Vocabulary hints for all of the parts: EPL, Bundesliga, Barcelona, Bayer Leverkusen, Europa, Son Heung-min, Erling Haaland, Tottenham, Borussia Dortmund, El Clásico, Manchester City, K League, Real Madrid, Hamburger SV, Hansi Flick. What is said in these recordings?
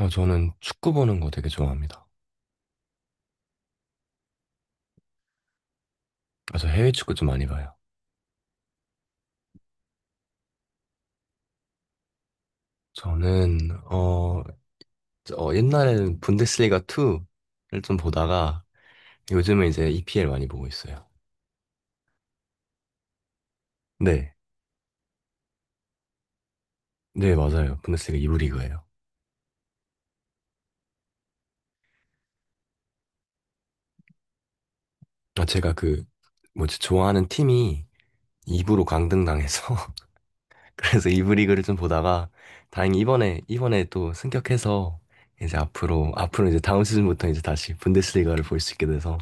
어, 저는 축구 보는 거 되게 좋아합니다. 아, 저 해외 축구 좀 많이 봐요. 저는 옛날에는 분데스리가 2를 좀 보다가 요즘은 이제 EPL 많이 보고 있어요. 네, 네 맞아요. 분데스리가 2부 리그예요. 아, 제가 그 뭐지 좋아하는 팀이 2부로 강등당해서 그래서 2부 리그를 좀 보다가 다행히 이번에 또 승격해서 이제 앞으로 이제 다음 시즌부터 이제 다시 분데스리가를 볼 수 있게 돼서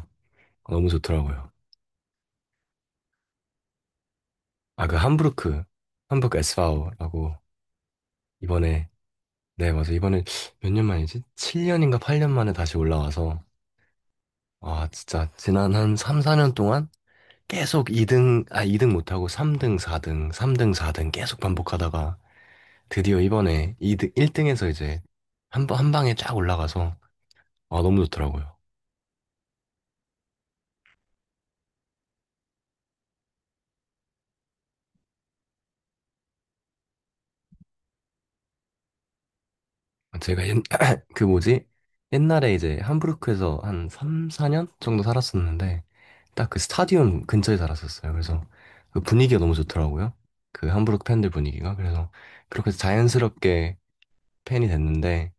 너무 좋더라고요. 아, 그 함부르크 SV라고 이번에, 네, 맞아. 이번에 몇 년 만이지? 7년인가 8년 만에 다시 올라와서, 아, 진짜 지난 한 3, 4년 동안 계속 2등, 아, 2등 못하고 3등, 4등, 3등, 4등 계속 반복하다가 드디어 이번에 2등 1등에서 이제 한 방에 쫙 올라가서, 아, 너무 좋더라고요. 제가 옛, 그 뭐지? 옛날에 이제 함부르크에서 한 3, 4년 정도 살았었는데 딱 그 스타디움 근처에 살았었어요. 그래서 그 분위기가 너무 좋더라고요. 그 함부르크 팬들 분위기가. 그래서 그렇게 자연스럽게 팬이 됐는데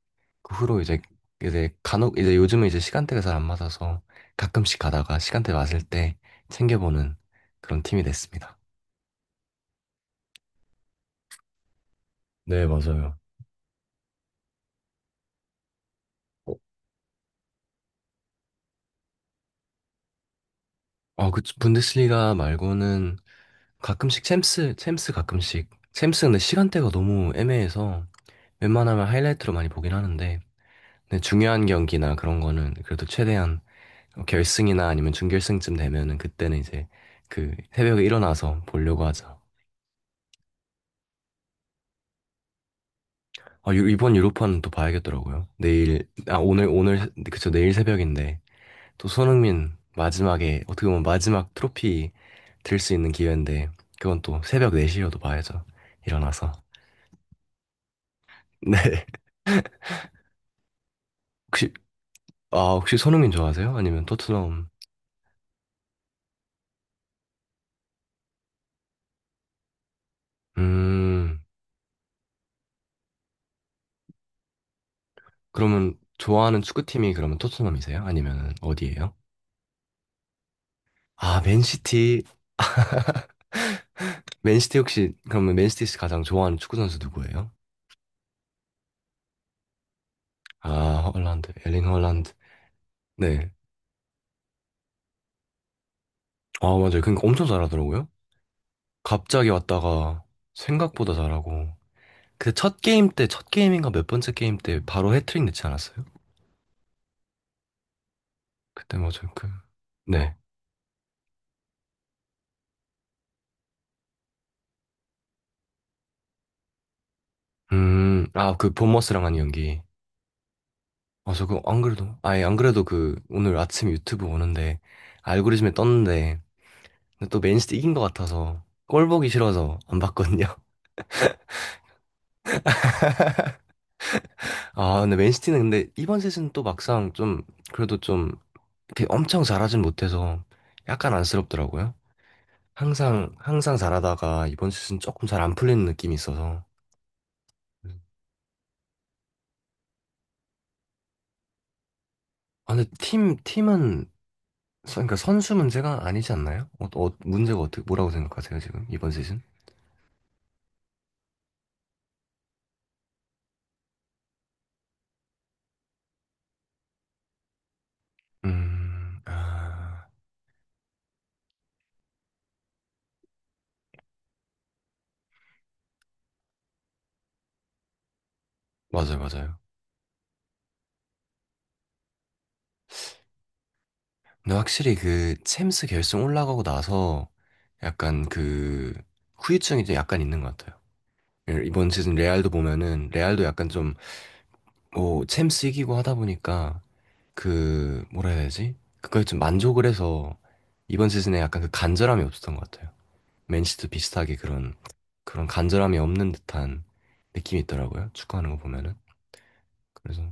그 후로 이제 간혹 이제 요즘은 이제 시간대가 잘 안 맞아서 가끔씩 가다가 시간대 맞을 때 챙겨보는 그런 팀이 됐습니다. 네, 맞아요. 어, 그 분데스리가 말고는 가끔씩 챔스 가끔씩. 챔스는 시간대가 너무 애매해서 웬만하면 하이라이트로 많이 보긴 하는데, 근데 중요한 경기나 그런 거는 그래도 최대한 결승이나 아니면 준결승쯤 되면은 그때는 이제 그 새벽에 일어나서 보려고 하죠. 아, 이번 유로파는 또 봐야겠더라고요. 내일, 아, 오늘, 그쵸, 내일 새벽인데, 또 손흥민 마지막에, 어떻게 보면 마지막 트로피 들 수 있는 기회인데 그건 또 새벽 4시여도 봐야죠. 일어나서. 네. 혹시 혹시 손흥민 좋아하세요? 아니면 토트넘? 음. 그러면 좋아하는 축구팀이 그러면 토트넘이세요? 아니면 어디예요? 아, 맨시티. 맨시티 혹시 그러면 맨시티에서 가장 좋아하는 축구 선수 누구예요? 아, 헐란드. 엘링 헐란드. 네. 아, 맞아요. 그러니까 엄청 잘하더라고요. 갑자기 왔다가 생각보다 잘하고 그 첫 게임 때 첫 게임인가 몇 번째 게임 때 바로 해트릭 넣지 않았어요? 그때 뭐죠? 그, 네. 아, 그 본머스랑 한 연기. 아, 저 그, 안 그래도, 아예 안 그래도 그, 오늘 아침 유튜브 오는데, 알고리즘에 떴는데, 근데 또 맨시티 이긴 것 같아서, 꼴 보기 싫어서 안 봤거든요. 아, 근데 맨시티는 근데 이번 시즌 또 막상 좀, 그래도 좀, 이렇게 엄청 잘하진 못해서, 약간 안쓰럽더라고요. 항상, 항상 잘하다가, 이번 시즌 조금 잘 안 풀리는 느낌이 있어서. 아, 근데 팀은 그러니까 선수 문제가 아니지 않나요? 문제가 어떻게 뭐라고 생각하세요 지금 이번 시즌? 아, 맞아요, 맞아요. 근데 확실히 그 챔스 결승 올라가고 나서 약간 그 후유증이 이제 약간 있는 것 같아요. 예, 이번 시즌 레알도 보면은 레알도 약간 좀 뭐 챔스 이기고 하다 보니까 그 뭐라 해야 되지? 그거에 좀 만족을 해서 이번 시즌에 약간 그 간절함이 없었던 것 같아요. 맨시도 비슷하게 그런 간절함이 없는 듯한 느낌이 있더라고요. 축구하는 거 보면은. 그래서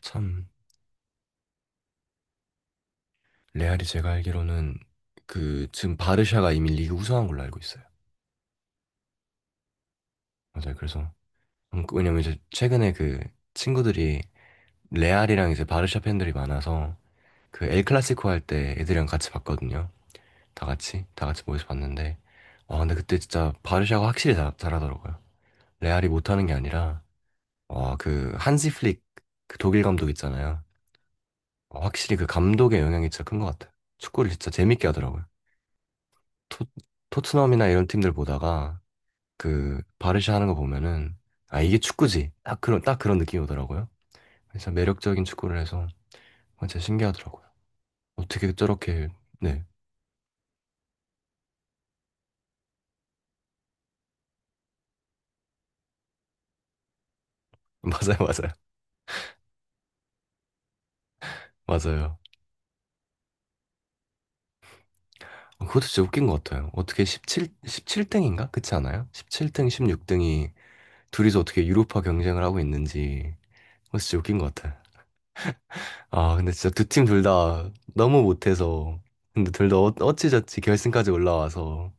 참 레알이 제가 알기로는 그 지금 바르샤가 이미 리그 우승한 걸로 알고 있어요. 맞아요. 그래서 왜냐면 이제 최근에 그 친구들이 레알이랑 이제 바르샤 팬들이 많아서 그 엘 클라시코 할 때 애들이랑 같이 봤거든요. 다 같이 다 같이 모여서 봤는데 와 근데 그때 진짜 바르샤가 확실히 잘하더라고요. 레알이 못하는 게 아니라 와 그 한시 플릭 그 독일 감독 있잖아요. 아, 확실히 그 감독의 영향이 진짜 큰 것 같아요. 축구를 진짜 재밌게 하더라고요. 토, 토트넘이나 이런 팀들 보다가 그 바르샤 하는 거 보면은 아 이게 축구지 딱 그런 딱 그런 느낌이 오더라고요. 진짜 매력적인 축구를 해서 진짜 신기하더라고요. 어떻게 저렇게 네 맞아요 맞아요 맞아요. 그것도 진짜 웃긴 것 같아요. 어떻게 17 17등인가 그렇지 않아요? 17등 16등이 둘이서 어떻게 유로파 경쟁을 하고 있는지 그거 진짜 웃긴 것 같아요. 아, 근데 진짜 두 팀 둘 다 너무 못해서. 근데 둘다 어찌저찌 결승까지 올라와서.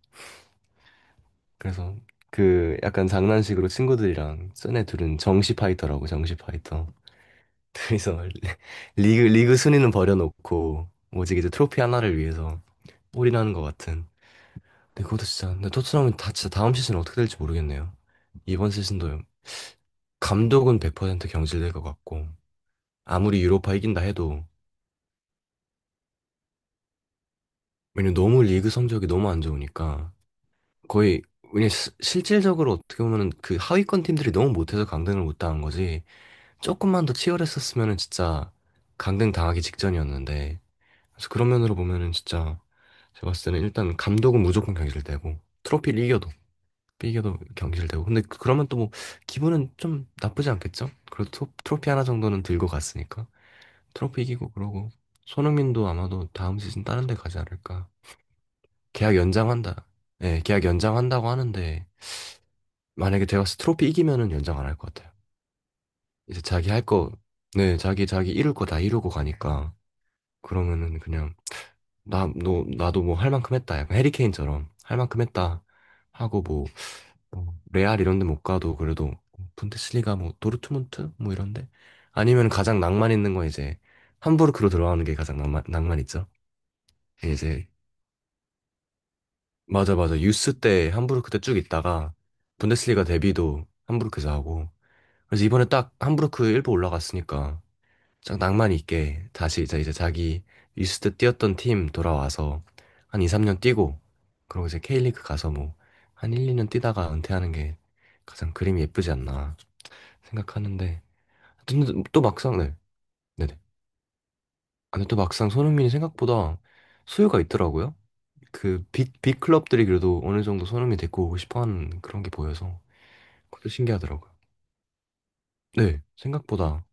그래서 그 약간 장난식으로 친구들이랑 쟤네 둘은 정시 파이터라고, 정시 파이터. 그래서 리그 순위는 버려놓고 오직 이제 트로피 하나를 위해서 올인하는 것 같은. 근데 그것도 진짜, 근데 토트넘은 다 진짜 다음 시즌 어떻게 될지 모르겠네요. 이번 시즌도 감독은 100% 경질될 것 같고 아무리 유로파 이긴다 해도 왜냐면 너무 리그 성적이 너무 안 좋으니까 거의 그냥 실질적으로 어떻게 보면은 그 하위권 팀들이 너무 못해서 강등을 못 당한 거지 조금만 더 치열했었으면은 진짜 강등 당하기 직전이었는데 그래서 그런 면으로 보면은 진짜 제가 봤을 때는 일단 감독은 무조건 경질되고 트로피를 이겨도 경질되고 근데 그러면 또 뭐 기분은 좀 나쁘지 않겠죠? 그래도 트로피 하나 정도는 들고 갔으니까 트로피 이기고 그러고 손흥민도 아마도 다음 시즌 다른 데 가지 않을까 계약 연장한다 예 계약 연장한다고 하는데 만약에 제가 트로피 이기면은 연장 안 할 것 같아요. 이제 자기 할 거, 네, 자기 이룰 거 다 이루고 가니까 그러면은 그냥 나, 너, 나도 뭐 할 만큼 했다. 약간 해리케인처럼 할 만큼 했다 하고 뭐, 뭐 레알 이런 데 못 가도 그래도 분데스리가 뭐 도르트문트 뭐 이런데 아니면 가장 낭만 있는 거 이제 함부르크로 들어가는 게 가장 낭만 낭만 있죠. 이제 맞아 맞아 유스 때 함부르크 때 쭉 있다가 분데스리가 데뷔도 함부르크에서 하고 그래서 이번에 딱 함부르크 일부 올라갔으니까 짝 낭만 있게 다시 이제 자기 리스트 뛰었던 팀 돌아와서 한 2, 3년 뛰고 그러고 이제 K리그 가서 뭐 한 1, 2년 뛰다가 은퇴하는 게 가장 그림이 예쁘지 않나 생각하는데 근데 또 막상 네, 네네 아, 근데 또 막상 손흥민이 생각보다 수요가 있더라고요 그 빅 클럽들이 그래도 어느 정도 손흥민 데리고 오고 싶어 하는 그런 게 보여서 그것도 신기하더라고요 네 생각보다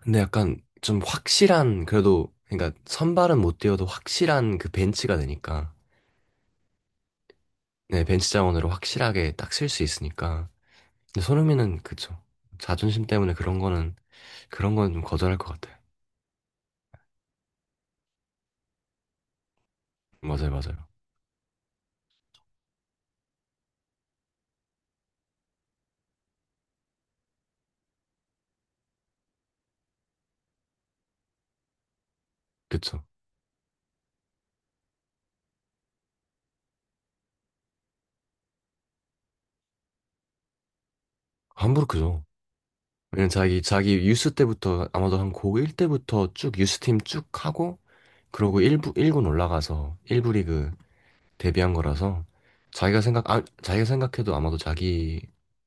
근데 약간 좀 확실한 그래도 그러니까 선발은 못 뛰어도 확실한 그 벤치가 되니까 네 벤치 자원으로 확실하게 딱 쓸 수 있으니까 근데 손흥민은 그쵸 자존심 때문에 그런 거는 좀 거절할 것 같아요 맞아요 맞아요 그쵸 함부르크죠 왜냐면 자기 유스 때부터 아마도 한 고1 때부터 쭉 유스팀 쭉 하고 그러고 1부 1군 올라가서 1부 리그 데뷔한 거라서 자기가 생각 아, 자기가 생각해도 아마도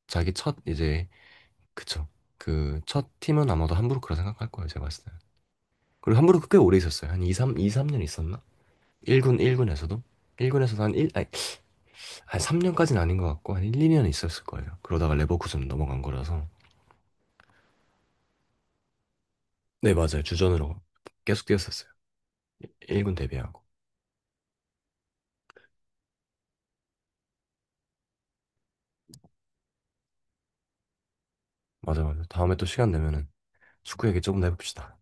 자기 첫 이제 그쵸. 그 첫 팀은 아마도 함부르크라 생각할 거예요, 제가 봤을 때는. 그리고 함부르크 꽤 오래 있었어요. 한 2, 3, 2, 3년 있었나? 1군에서도? 1군에서도 한 1, 아니, 한 3년까지는 아닌 것 같고, 한 1, 2년 있었을 거예요. 그러다가 레버쿠젠 넘어간 거라서. 네, 맞아요. 주전으로 계속 뛰었었어요. 1군 데뷔하고. 맞아, 맞아. 다음에 또 시간 되면은 축구 얘기 조금 더 해봅시다.